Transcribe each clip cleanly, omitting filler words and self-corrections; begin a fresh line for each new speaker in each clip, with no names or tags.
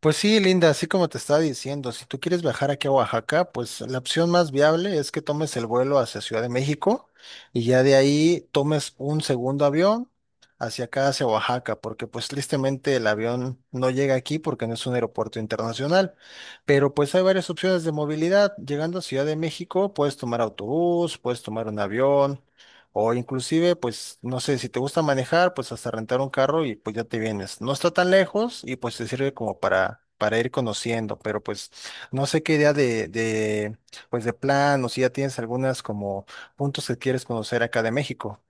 Pues sí, Linda, así como te estaba diciendo, si tú quieres viajar aquí a Oaxaca, pues la opción más viable es que tomes el vuelo hacia Ciudad de México y ya de ahí tomes un segundo avión hacia acá, hacia Oaxaca, porque pues tristemente el avión no llega aquí porque no es un aeropuerto internacional. Pero pues hay varias opciones de movilidad. Llegando a Ciudad de México, puedes tomar autobús, puedes tomar un avión, o inclusive, pues, no sé, si te gusta manejar, pues hasta rentar un carro y pues ya te vienes. No está tan lejos y pues te sirve como para ir conociendo, pero pues no sé qué idea pues de plan o si ya tienes algunas como puntos que quieres conocer acá de México.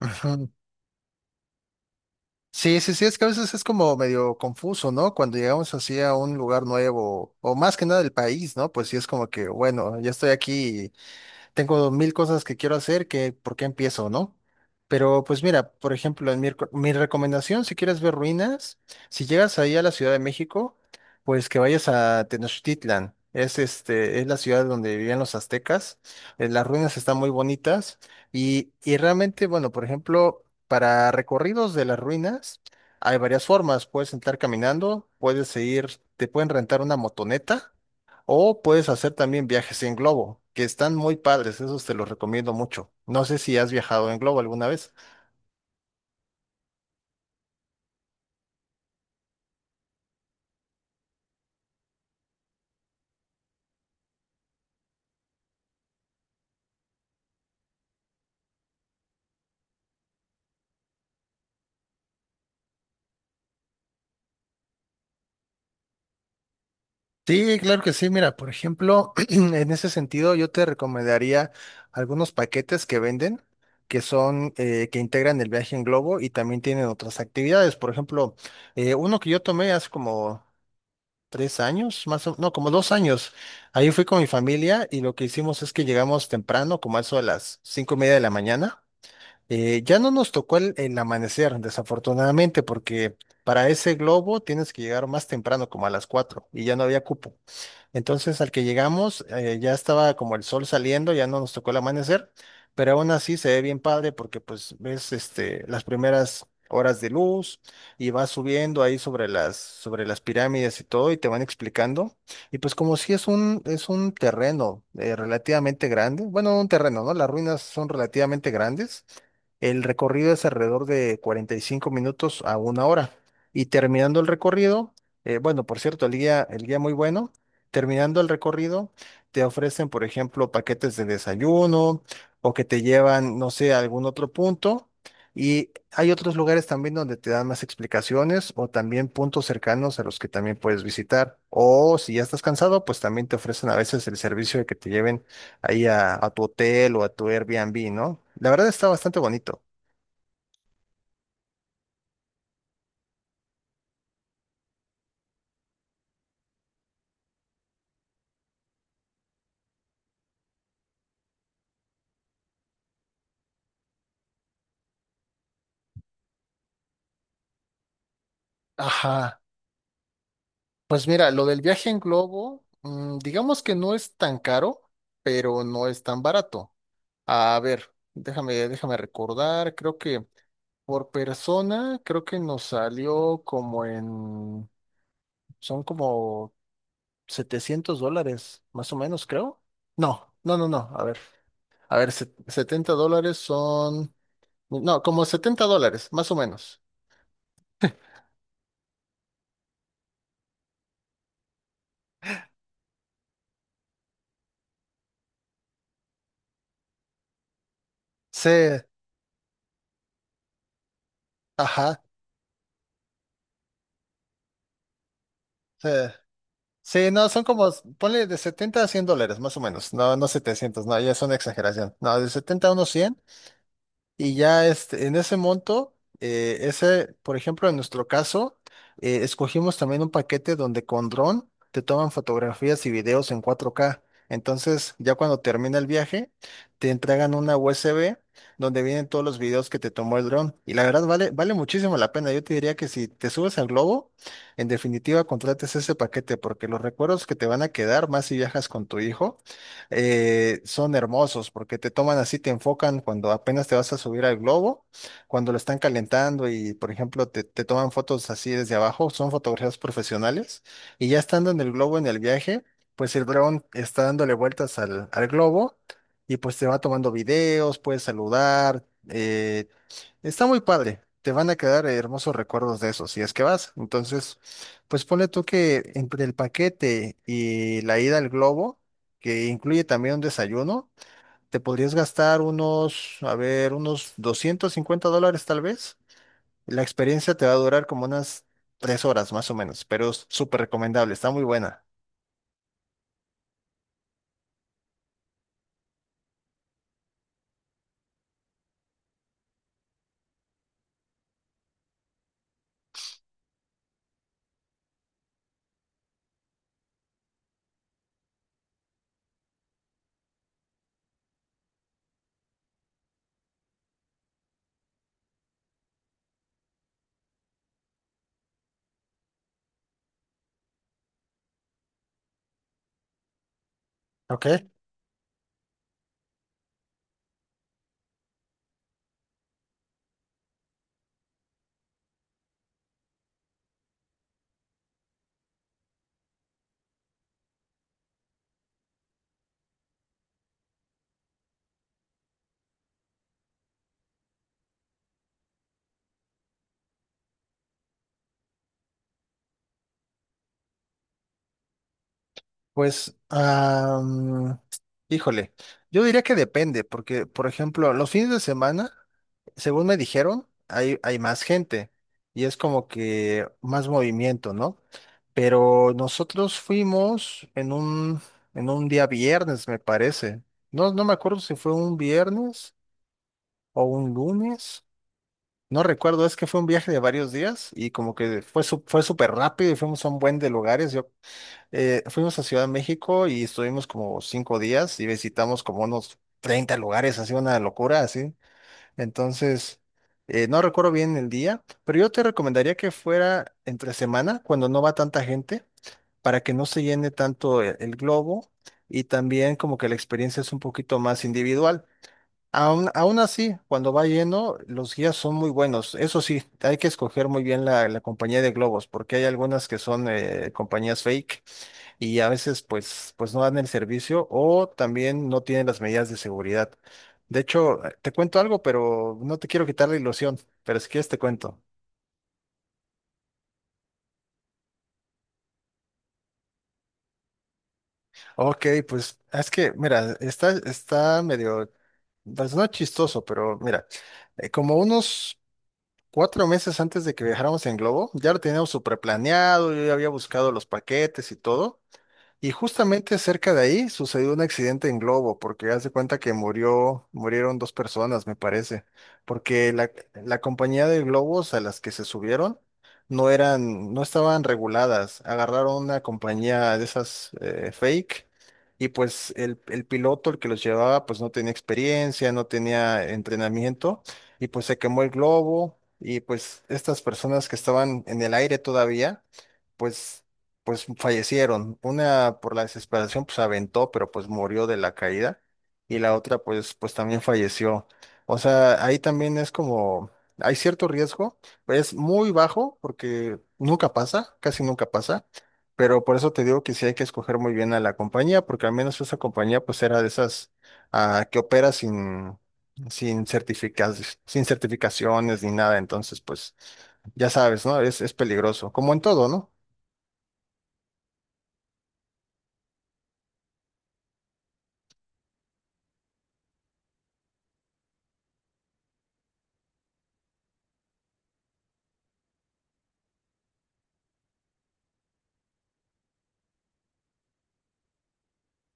Ujú. Sí, sí, sí, es que a veces es como medio confuso, ¿no? Cuando llegamos así a un lugar nuevo, o más que nada del país, ¿no? Pues sí es como que, bueno, ya estoy aquí, tengo mil cosas que quiero hacer, que por qué empiezo, ¿no? Pero pues mira, por ejemplo, en mi, mi recomendación, si quieres ver ruinas, si llegas ahí a la Ciudad de México, pues que vayas a Tenochtitlan. Es, este, es la ciudad donde vivían los aztecas. Las ruinas están muy bonitas y realmente, bueno, por ejemplo, para recorridos de las ruinas hay varias formas. Puedes entrar caminando, puedes ir, te pueden rentar una motoneta o puedes hacer también viajes en globo, que están muy padres, esos te los recomiendo mucho. No sé si has viajado en globo alguna vez. Sí, claro que sí. Mira, por ejemplo, en ese sentido yo te recomendaría algunos paquetes que venden, que son, que integran el viaje en globo y también tienen otras actividades. Por ejemplo, uno que yo tomé hace como tres años, más o no, como dos años. Ahí fui con mi familia y lo que hicimos es que llegamos temprano, como a eso de las cinco y media de la mañana. Ya no nos tocó el amanecer, desafortunadamente, porque para ese globo tienes que llegar más temprano, como a las 4, y ya no había cupo. Entonces, al que llegamos, ya estaba como el sol saliendo, ya no nos tocó el amanecer, pero aún así se ve bien padre porque pues ves este, las primeras horas de luz y vas subiendo ahí sobre las pirámides y todo y te van explicando. Y pues como si es un, es un terreno relativamente grande, bueno, no un terreno, ¿no? Las ruinas son relativamente grandes. El recorrido es alrededor de 45 minutos a una hora. Y terminando el recorrido, bueno, por cierto, el guía muy bueno. Terminando el recorrido, te ofrecen, por ejemplo, paquetes de desayuno o que te llevan, no sé, a algún otro punto. Y hay otros lugares también donde te dan más explicaciones o también puntos cercanos a los que también puedes visitar. O si ya estás cansado, pues también te ofrecen a veces el servicio de que te lleven ahí a tu hotel o a tu Airbnb, ¿no? La verdad está bastante bonito. Ajá, pues mira, lo del viaje en globo, digamos que no es tan caro, pero no es tan barato. A ver, déjame, déjame recordar, creo que por persona, creo que nos salió como en, son como 700 dólares, más o menos, creo. No, no, no, no, a ver, 70 dólares son, no, como 70 dólares, más o menos. Sí, ajá. Sí, Sí, no, son como, ponle de setenta a 100 dólares, más o menos. No, no 700, no, ya es una exageración. No, de 70 a unos 100. Y ya este, en ese monto, ese, por ejemplo, en nuestro caso, escogimos también un paquete donde con dron te toman fotografías y videos en 4K. Entonces, ya cuando termina el viaje, te entregan una USB donde vienen todos los videos que te tomó el dron. Y la verdad vale, vale muchísimo la pena. Yo te diría que si te subes al globo, en definitiva contrates ese paquete porque los recuerdos que te van a quedar, más si viajas con tu hijo, son hermosos porque te toman así, te enfocan cuando apenas te vas a subir al globo, cuando lo están calentando y, por ejemplo, te toman fotos así desde abajo, son fotografías profesionales y ya estando en el globo en el viaje, pues el dron está dándole vueltas al, al globo y pues te va tomando videos, puedes saludar. Está muy padre. Te van a quedar hermosos recuerdos de eso, si es que vas. Entonces, pues ponle tú que entre el paquete y la ida al globo, que incluye también un desayuno, te podrías gastar unos, a ver, unos 250 dólares tal vez. La experiencia te va a durar como unas tres horas más o menos, pero es súper recomendable, está muy buena. Ok. Pues, híjole, yo diría que depende, porque, por ejemplo, los fines de semana, según me dijeron, hay más gente y es como que más movimiento, ¿no? Pero nosotros fuimos en un día viernes, me parece. No, no me acuerdo si fue un viernes o un lunes. No recuerdo, es que fue un viaje de varios días y como que fue, fue súper rápido y fuimos a un buen de lugares. Yo fuimos a Ciudad de México y estuvimos como cinco días y visitamos como unos 30 lugares, así una locura, así. Entonces, no recuerdo bien el día, pero yo te recomendaría que fuera entre semana, cuando no va tanta gente, para que no se llene tanto el globo y también como que la experiencia es un poquito más individual. Aún, aún así, cuando va lleno, los guías son muy buenos. Eso sí, hay que escoger muy bien la, la compañía de globos, porque hay algunas que son compañías fake y a veces pues, pues no dan el servicio o también no tienen las medidas de seguridad. De hecho, te cuento algo, pero no te quiero quitar la ilusión, pero si quieres te cuento. Ok, pues ah, es que, mira, está, está medio, pues no chistoso, pero mira, como unos cuatro meses antes de que viajáramos en globo, ya lo teníamos súper planeado, yo ya había buscado los paquetes y todo. Y justamente cerca de ahí sucedió un accidente en globo, porque haz de cuenta que murió, murieron dos personas, me parece, porque la compañía de globos a las que se subieron no eran, no estaban reguladas, agarraron una compañía de esas fake y pues el piloto, el que los llevaba, pues no tenía experiencia, no tenía entrenamiento y pues se quemó el globo y pues estas personas que estaban en el aire todavía pues pues fallecieron. Una por la desesperación, pues aventó, pero pues murió de la caída. Y la otra, pues, pues también falleció. O sea, ahí también es como, hay cierto riesgo, pero es muy bajo porque nunca pasa, casi nunca pasa. Pero por eso te digo que sí hay que escoger muy bien a la compañía, porque al menos esa compañía pues era de esas ah, que opera sin, sin certificas, sin certificaciones ni nada. Entonces, pues ya sabes, ¿no? Es peligroso, como en todo, ¿no?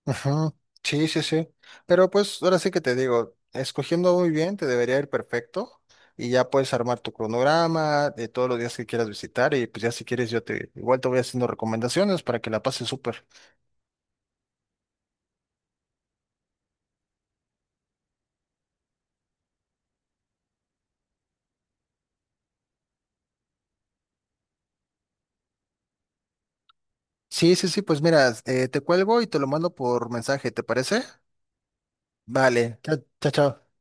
Ujú, sí, sí, sí. Pero pues ahora sí que te digo, escogiendo muy bien te debería ir perfecto y ya puedes armar tu cronograma de todos los días que quieras visitar y pues ya si quieres yo te igual te voy haciendo recomendaciones para que la pases súper. Sí, sí, sí, pues mira, te cuelgo y te lo mando por mensaje, ¿te parece? Vale, chao, chao, chao.